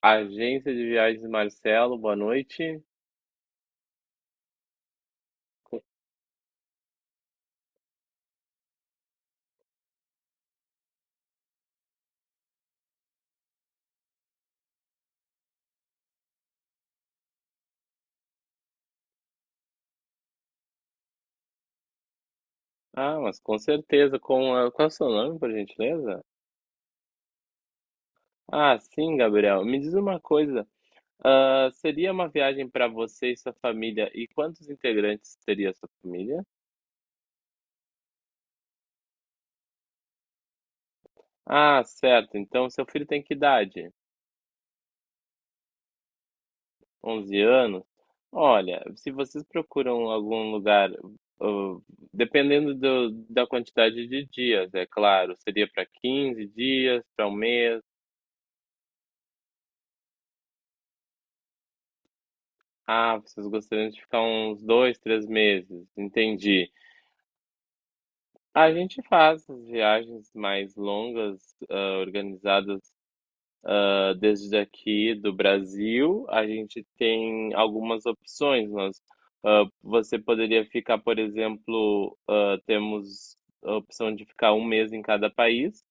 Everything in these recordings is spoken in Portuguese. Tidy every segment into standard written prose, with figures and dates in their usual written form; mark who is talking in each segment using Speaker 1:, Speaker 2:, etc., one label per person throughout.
Speaker 1: Agência de viagens Marcelo, boa noite. Co- Ah, mas com certeza. Qual é o seu nome, por gentileza? Ah, sim, Gabriel. Me diz uma coisa. Ah, seria uma viagem para você e sua família? E quantos integrantes teria a sua família? Ah, certo. Então, seu filho tem que idade? 11 anos? Olha, se vocês procuram algum lugar, ah, dependendo da quantidade de dias, é claro, seria para 15 dias, para um mês. Ah, vocês gostariam de ficar uns 2, 3 meses, entendi. A gente faz as viagens mais longas, organizadas, desde aqui do Brasil. A gente tem algumas opções, você poderia ficar, por exemplo. Temos a opção de ficar um mês em cada país,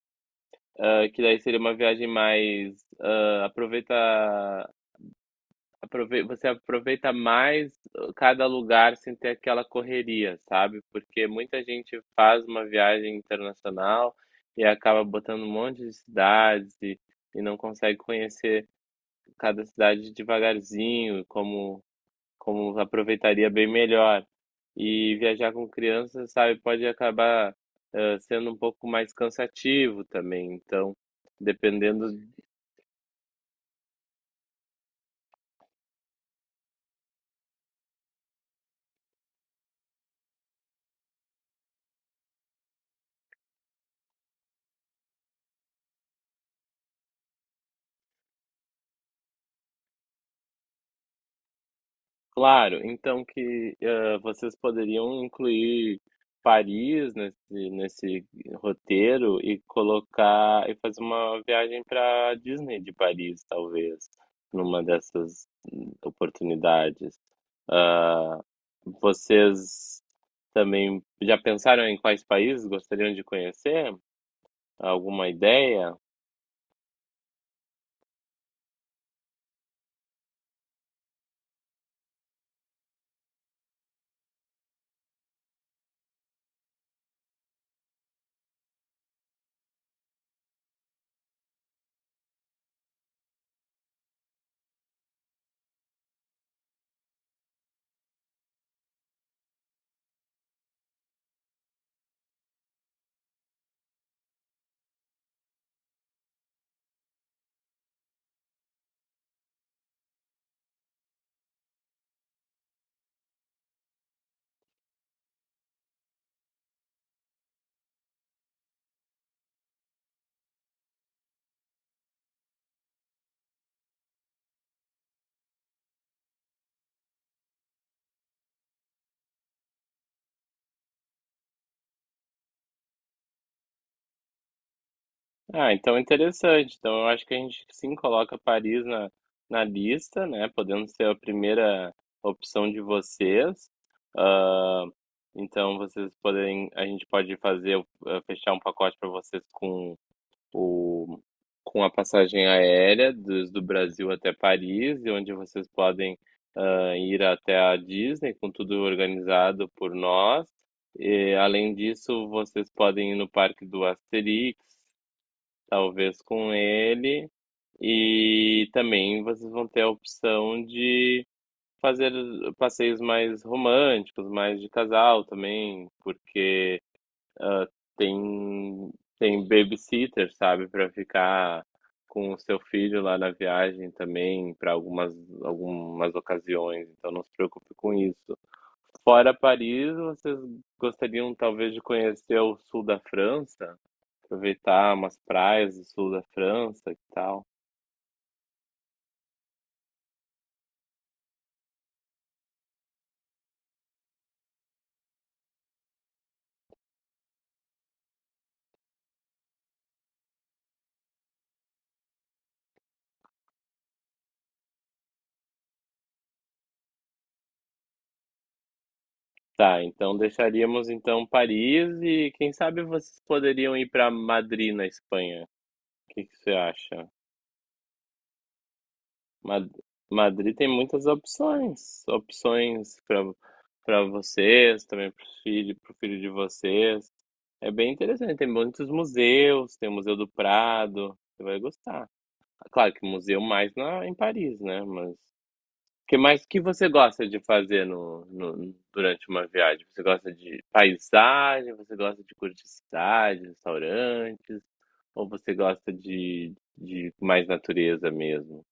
Speaker 1: que daí seria uma viagem mais. Hã, aproveita Aprove Você aproveita mais cada lugar sem ter aquela correria, sabe, porque muita gente faz uma viagem internacional e acaba botando um monte de cidades e não consegue conhecer cada cidade devagarzinho, como aproveitaria bem melhor. E viajar com criança, sabe, pode acabar, sendo um pouco mais cansativo também, então, dependendo. Claro, então que, vocês poderiam incluir Paris nesse roteiro e colocar e fazer uma viagem pra Disney de Paris, talvez, numa dessas oportunidades. Hã, Vocês também já pensaram em quais países gostariam de conhecer? Alguma ideia? Ah, então é interessante. Então eu acho que a gente sim coloca Paris na lista, né? Podendo ser a primeira opção de vocês. Ah, então vocês podem, a gente pode fazer, fechar um pacote para vocês o, com a passagem aérea desde o Brasil até Paris, e onde vocês podem ir até a Disney com tudo organizado por nós. E, além disso, vocês podem ir no Parque do Asterix talvez com ele. E também vocês vão ter a opção de fazer passeios mais românticos, mais de casal também, porque ah, tem tem babysitter, sabe, para ficar com o seu filho lá na viagem também para algumas ocasiões. Então não se preocupe com isso. Fora Paris, vocês gostariam talvez de conhecer o sul da França? Aproveitar umas praias do sul da França e tal. Tá, então deixaríamos então Paris e quem sabe vocês poderiam ir para Madrid na Espanha. O que que você acha? Mad- Madrid tem muitas opções, opções para vocês, também para o filho, para filho de vocês. É bem interessante, tem muitos museus, tem o Museu do Prado, você vai gostar. Claro que museu mais em Paris, né? Mas que mais que você gosta de fazer durante uma viagem? Você gosta de paisagem? Você gosta de curtiçais, restaurantes? Ou você gosta de mais natureza mesmo?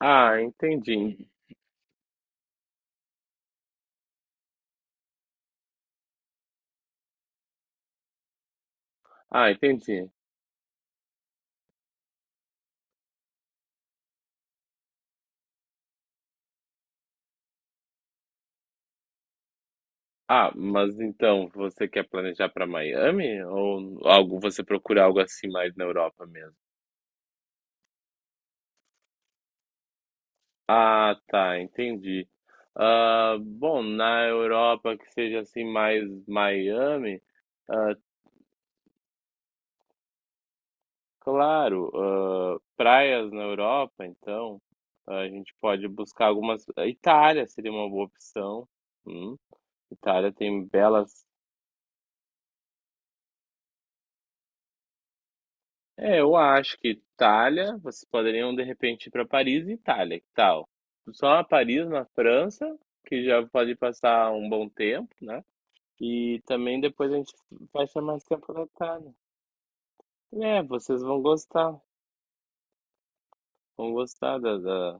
Speaker 1: Ah, entendi. Ah, entendi. Ah, mas então você quer planejar para Miami, ou algo? Você procura algo assim mais na Europa mesmo? Ah, tá, entendi. Ah, bom, na Europa que seja assim mais Miami, ah, claro. Praias na Europa, então, a gente pode buscar algumas. A Itália seria uma boa opção, hum, Itália tem belas. É, eu acho que Itália, vocês poderiam de repente ir para Paris e Itália, que tal? Só Paris na França, que já pode passar um bom tempo, né, e também depois a gente vai fecha mais tempo na Itália. É, vocês vão gostar da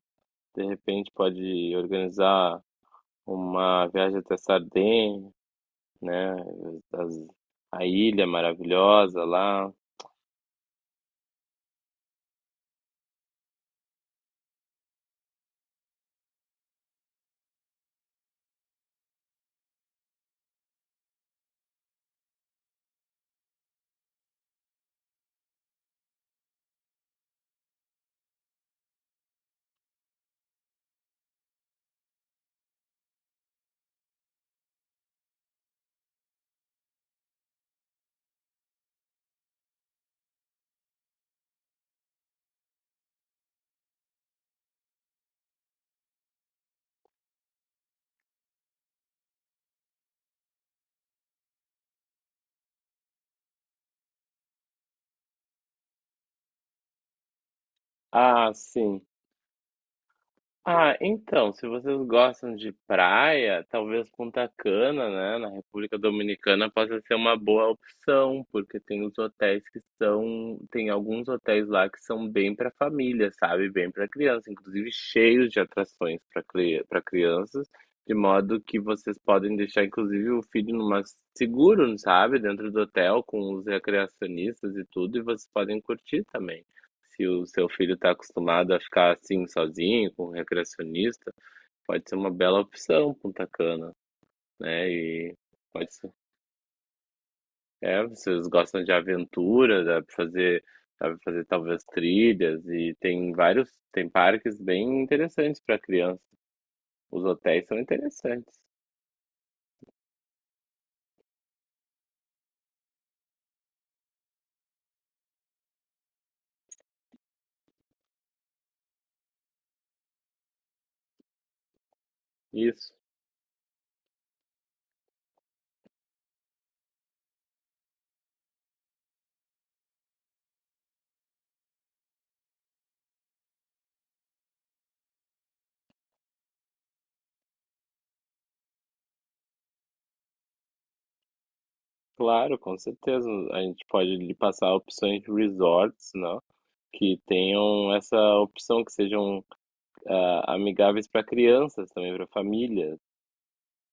Speaker 1: de repente pode organizar uma viagem até Sardenha, né? as- a ilha maravilhosa lá. Ah, sim. Ah, então, se vocês gostam de praia, talvez Punta Cana, né, na República Dominicana possa ser uma boa opção, porque tem os hotéis que são, tem alguns hotéis lá que são bem para família, sabe, bem para criança, inclusive cheios de atrações para crianças, de modo que vocês podem deixar inclusive o filho numa seguro, sabe, dentro do hotel com os recreacionistas e tudo, e vocês podem curtir também. Se o seu filho está acostumado a ficar assim sozinho, com um recreacionista, pode ser uma bela opção Punta Cana, né? E pode ser. É, vocês gostam de aventura, dá pra fazer talvez trilhas e tem vários, tem parques bem interessantes para criança. Os hotéis são interessantes. Isso, claro, com certeza. A gente pode lhe passar opções de resorts, não? Que tenham essa opção, que sejam amigáveis para crianças também, para famílias.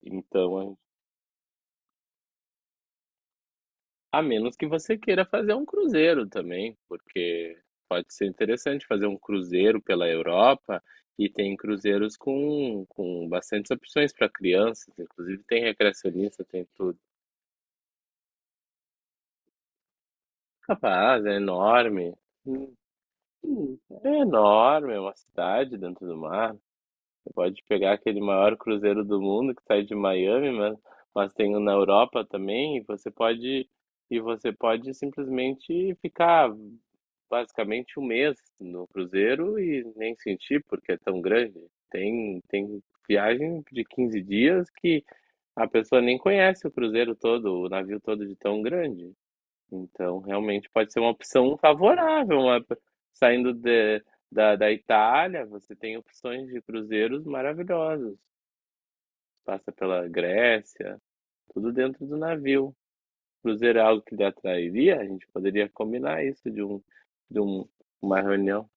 Speaker 1: Então, a menos que você queira fazer um cruzeiro também, porque pode ser interessante fazer um cruzeiro pela Europa, e tem cruzeiros com bastantes opções para crianças, inclusive tem recreacionista, tem tudo. Capaz, é enorme. Hum, hum, É enorme, é uma cidade dentro do mar. Você pode pegar aquele maior cruzeiro do mundo que sai de Miami, mas tem um na Europa também, e você pode simplesmente ficar basicamente um mês no cruzeiro e nem senti porque é tão grande. Tem viagem de 15 dias que a pessoa nem conhece o cruzeiro todo, o navio todo de tão grande. Então, realmente pode ser uma opção favorável. Saindo de- Da Itália, você tem opções de cruzeiros maravilhosos. Passa pela Grécia, tudo dentro do navio. Cruzeiro é algo que lhe atrairia? A gente poderia combinar isso de um, uma reunião.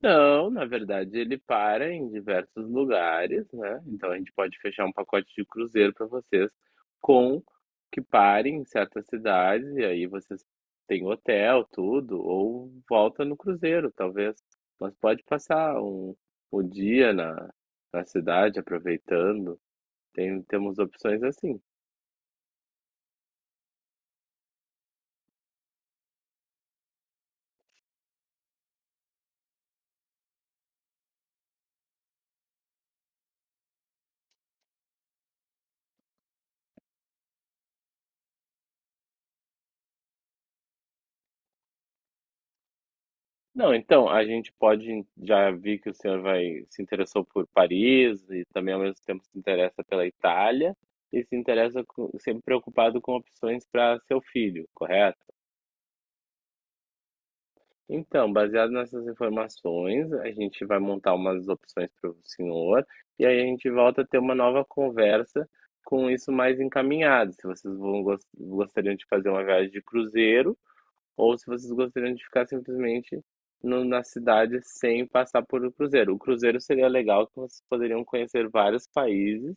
Speaker 1: Não, na verdade ele para em diversos lugares, né, então a gente pode fechar um pacote de cruzeiro para vocês com que pare em certas cidades, e aí vocês têm hotel, tudo, ou volta no cruzeiro talvez. Mas pode passar um o dia na cidade aproveitando, temos opções assim. Não, então, a gente pode já vi que o senhor vai se interessou por Paris e também ao mesmo tempo se interessa pela Itália e se interessa com, sempre preocupado com opções para seu filho, correto? Então, baseado nessas informações, a gente vai montar umas opções para o senhor e aí a gente volta a ter uma nova conversa com isso mais encaminhado. Se vocês vão gostariam de fazer uma viagem de cruzeiro, ou se vocês gostariam de ficar simplesmente na cidade sem passar por o cruzeiro. O cruzeiro seria legal, que vocês poderiam conhecer vários países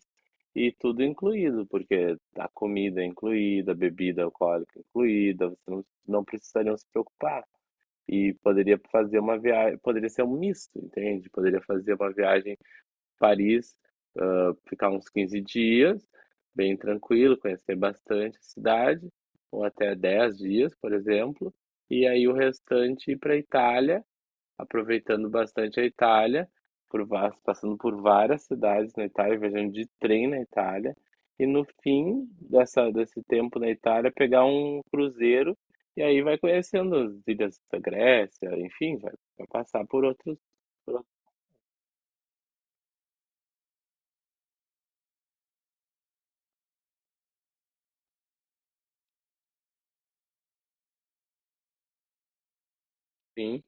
Speaker 1: e tudo incluído, porque a comida é incluída, a bebida alcoólica é incluída, vocês não, não precisariam se preocupar. E poderia fazer uma viagem, poderia ser um misto, entende? Poderia fazer uma viagem Paris, ficar uns 15 dias, bem tranquilo, conhecer bastante a cidade, ou até 10 dias, por exemplo, e aí o restante ir para a Itália, aproveitando bastante a Itália, por va passando por várias cidades na Itália, viajando de trem na Itália, e no fim dessa desse tempo na Itália, pegar um cruzeiro, e aí vai conhecendo as ilhas da Grécia, enfim, vai passar por outros.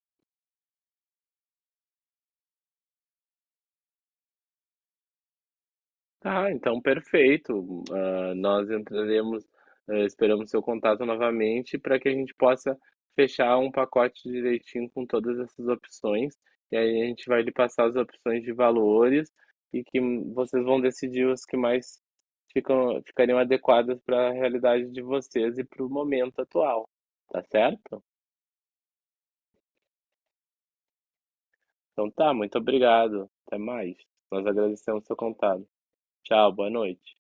Speaker 1: Tá, então perfeito. Ah, nós entraremos, esperamos seu contato novamente para que a gente possa fechar um pacote direitinho com todas essas opções. E aí a gente vai lhe passar as opções de valores, e que vocês vão decidir os que mais ficariam adequadas para a realidade de vocês e para o momento atual. Tá certo? Então tá, muito obrigado. Até mais. Nós agradecemos seu contato. Tchau, boa noite.